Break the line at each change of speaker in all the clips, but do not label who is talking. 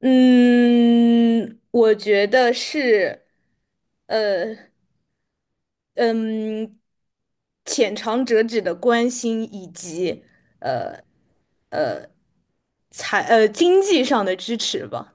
嗯，我觉得是，呃，嗯，浅尝辄止的关心以及呃财呃经济上的支持吧。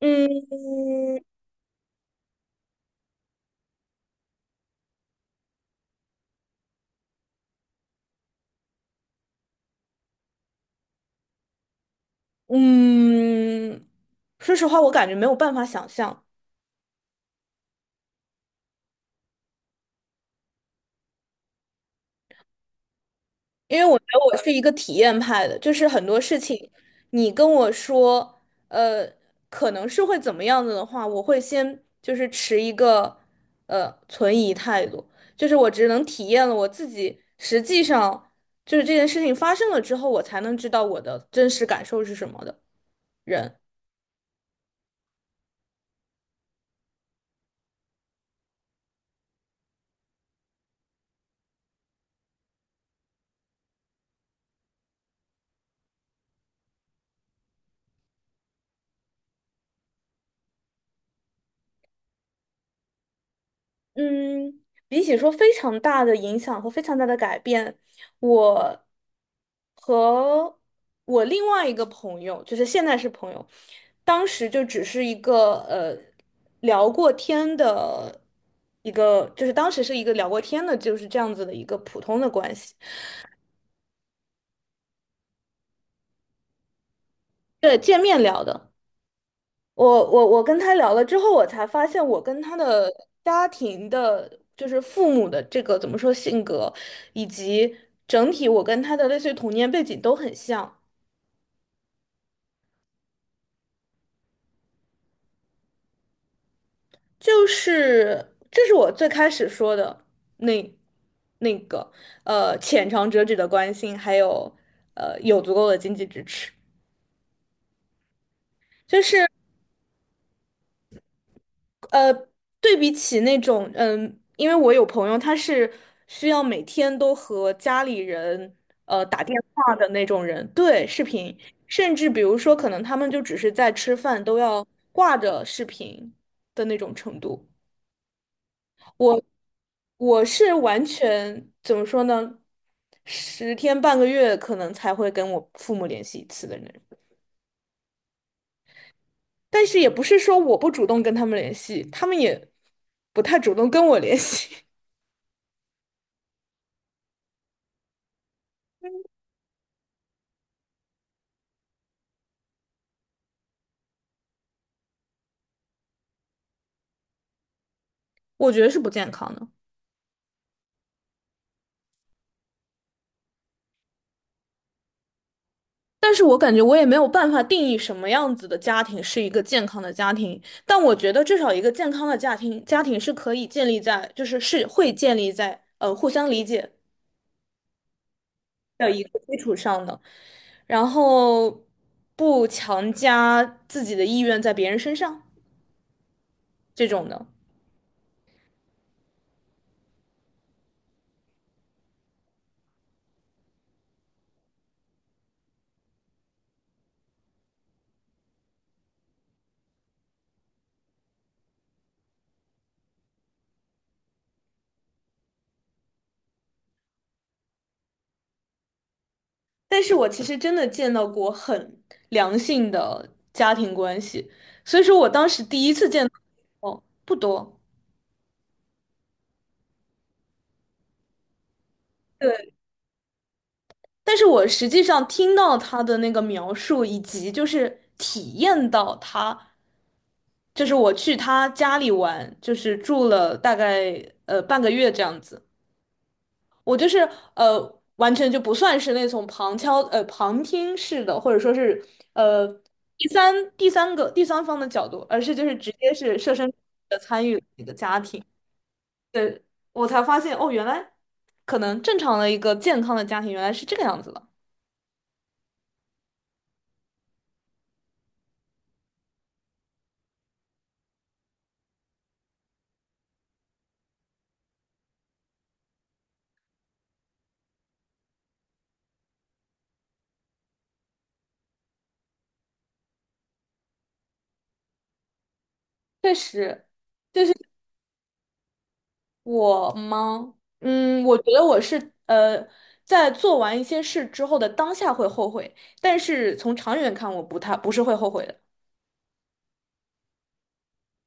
嗯嗯，说实话，我感觉没有办法想象。因为我觉得我是一个体验派的，就是很多事情，你跟我说，呃，可能是会怎么样子的话，我会先就是持一个存疑态度，就是我只能体验了我自己，实际上就是这件事情发生了之后，我才能知道我的真实感受是什么的人。嗯，比起说非常大的影响和非常大的改变，我。和我另外一个朋友，就是现在是朋友，当时就只是一个聊过天的一个，就是当时是一个聊过天的，就是这样子的一个普通的关系，对，见面聊的。我跟他聊了之后，我才发现我跟他的家庭的，就是父母的这个怎么说性格，以及整体我跟他的类似于童年背景都很像。就是这是我最开始说的那那个浅尝辄止的关心，还有有足够的经济支持，就是呃对比起那种因为我有朋友他是需要每天都和家里人打电话的那种人，对，视频，甚至比如说可能他们就只是在吃饭都要挂着视频的那种程度。我我是完全怎么说呢？10天半个月可能才会跟我父母联系一次的人，但是也不是说我不主动跟他们联系，他们也不太主动跟我联系，我觉得是不健康的。但是我感觉我也没有办法定义什么样子的家庭是一个健康的家庭，但我觉得至少一个健康的家庭，家庭是可以建立在，就是是会建立在互相理解的一个基础上的，然后不强加自己的意愿在别人身上这种的。但是我其实真的见到过很良性的家庭关系，所以说我当时第一次见到，哦，不多，对，但是我实际上听到他的那个描述，以及就是体验到他，就是我去他家里玩，就是住了大概半个月这样子。我就是完全就不算是那种旁听式的，或者说是呃第三方的角度，而是就是直接是设身处地的参与你的家庭。对，我才发现哦，原来可能正常的一个健康的家庭原来是这个样子的。确实，就是我吗？我觉得我是在做完一些事之后的当下会后悔，但是从长远看，我不是会后悔的。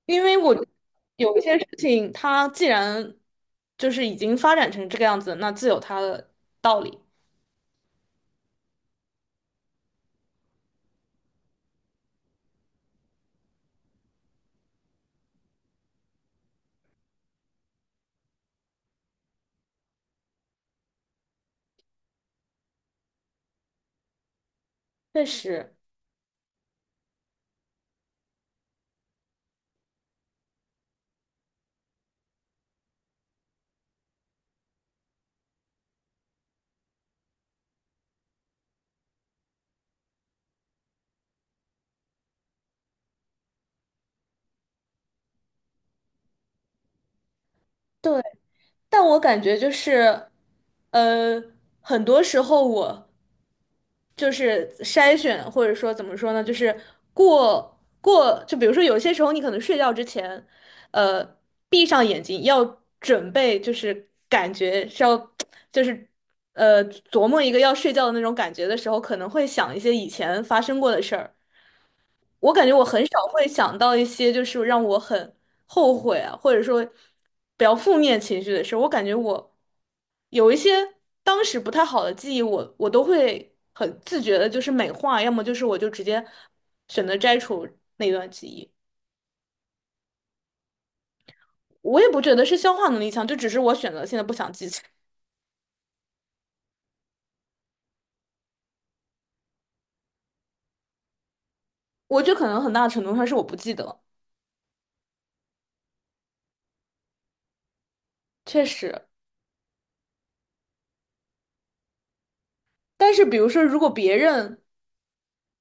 因为我觉得有一些事情，它既然就是已经发展成这个样子，那自有它的道理。确实，对，但我感觉就是，呃，很多时候我就是筛选，或者说怎么说呢，就是过，就比如说有些时候你可能睡觉之前，呃，闭上眼睛要准备，就是感觉是要，就是琢磨一个要睡觉的那种感觉的时候，可能会想一些以前发生过的事儿。我感觉我很少会想到一些就是让我很后悔啊，或者说比较负面情绪的事儿我感觉我有一些当时不太好的记忆我都会很自觉的，就是美化，要么就是我就直接选择摘除那段记忆。我也不觉得是消化能力强，就只是我选择性的不想记起。我觉得可能很大程度上是我不记得，确实。但是比如说，如果别人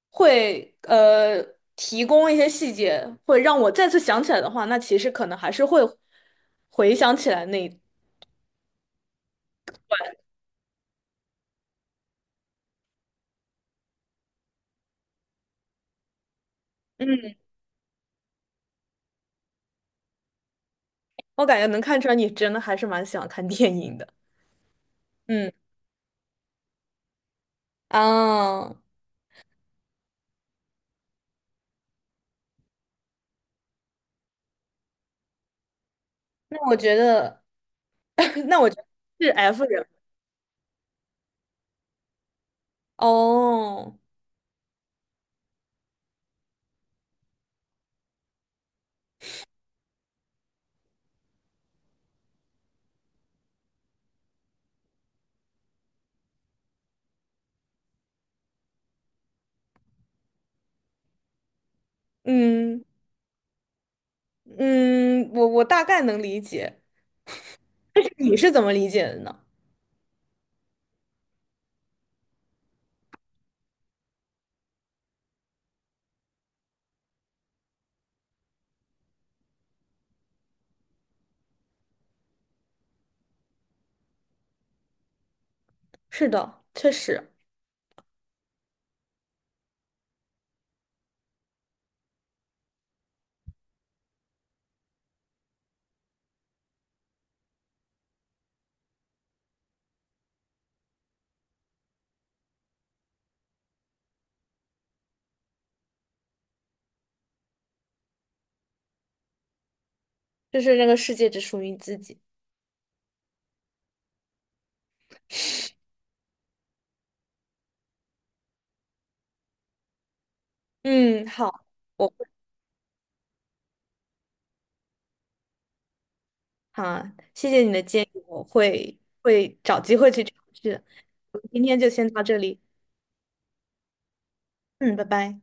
会提供一些细节，会让我再次想起来的话，那其实可能还是会回想起来那一。嗯，我感觉能看出来你真的还是蛮喜欢看电影的。嗯啊，那我觉得，那我觉得是 F 人哦。嗯嗯，我大概能理解，你是怎么理解的呢？是的，确实，就是这个世界只属于你自己。嗯，好。我。好啊谢谢你的建议，我会找机会去尝试。我们今天就先到这里，嗯，拜拜。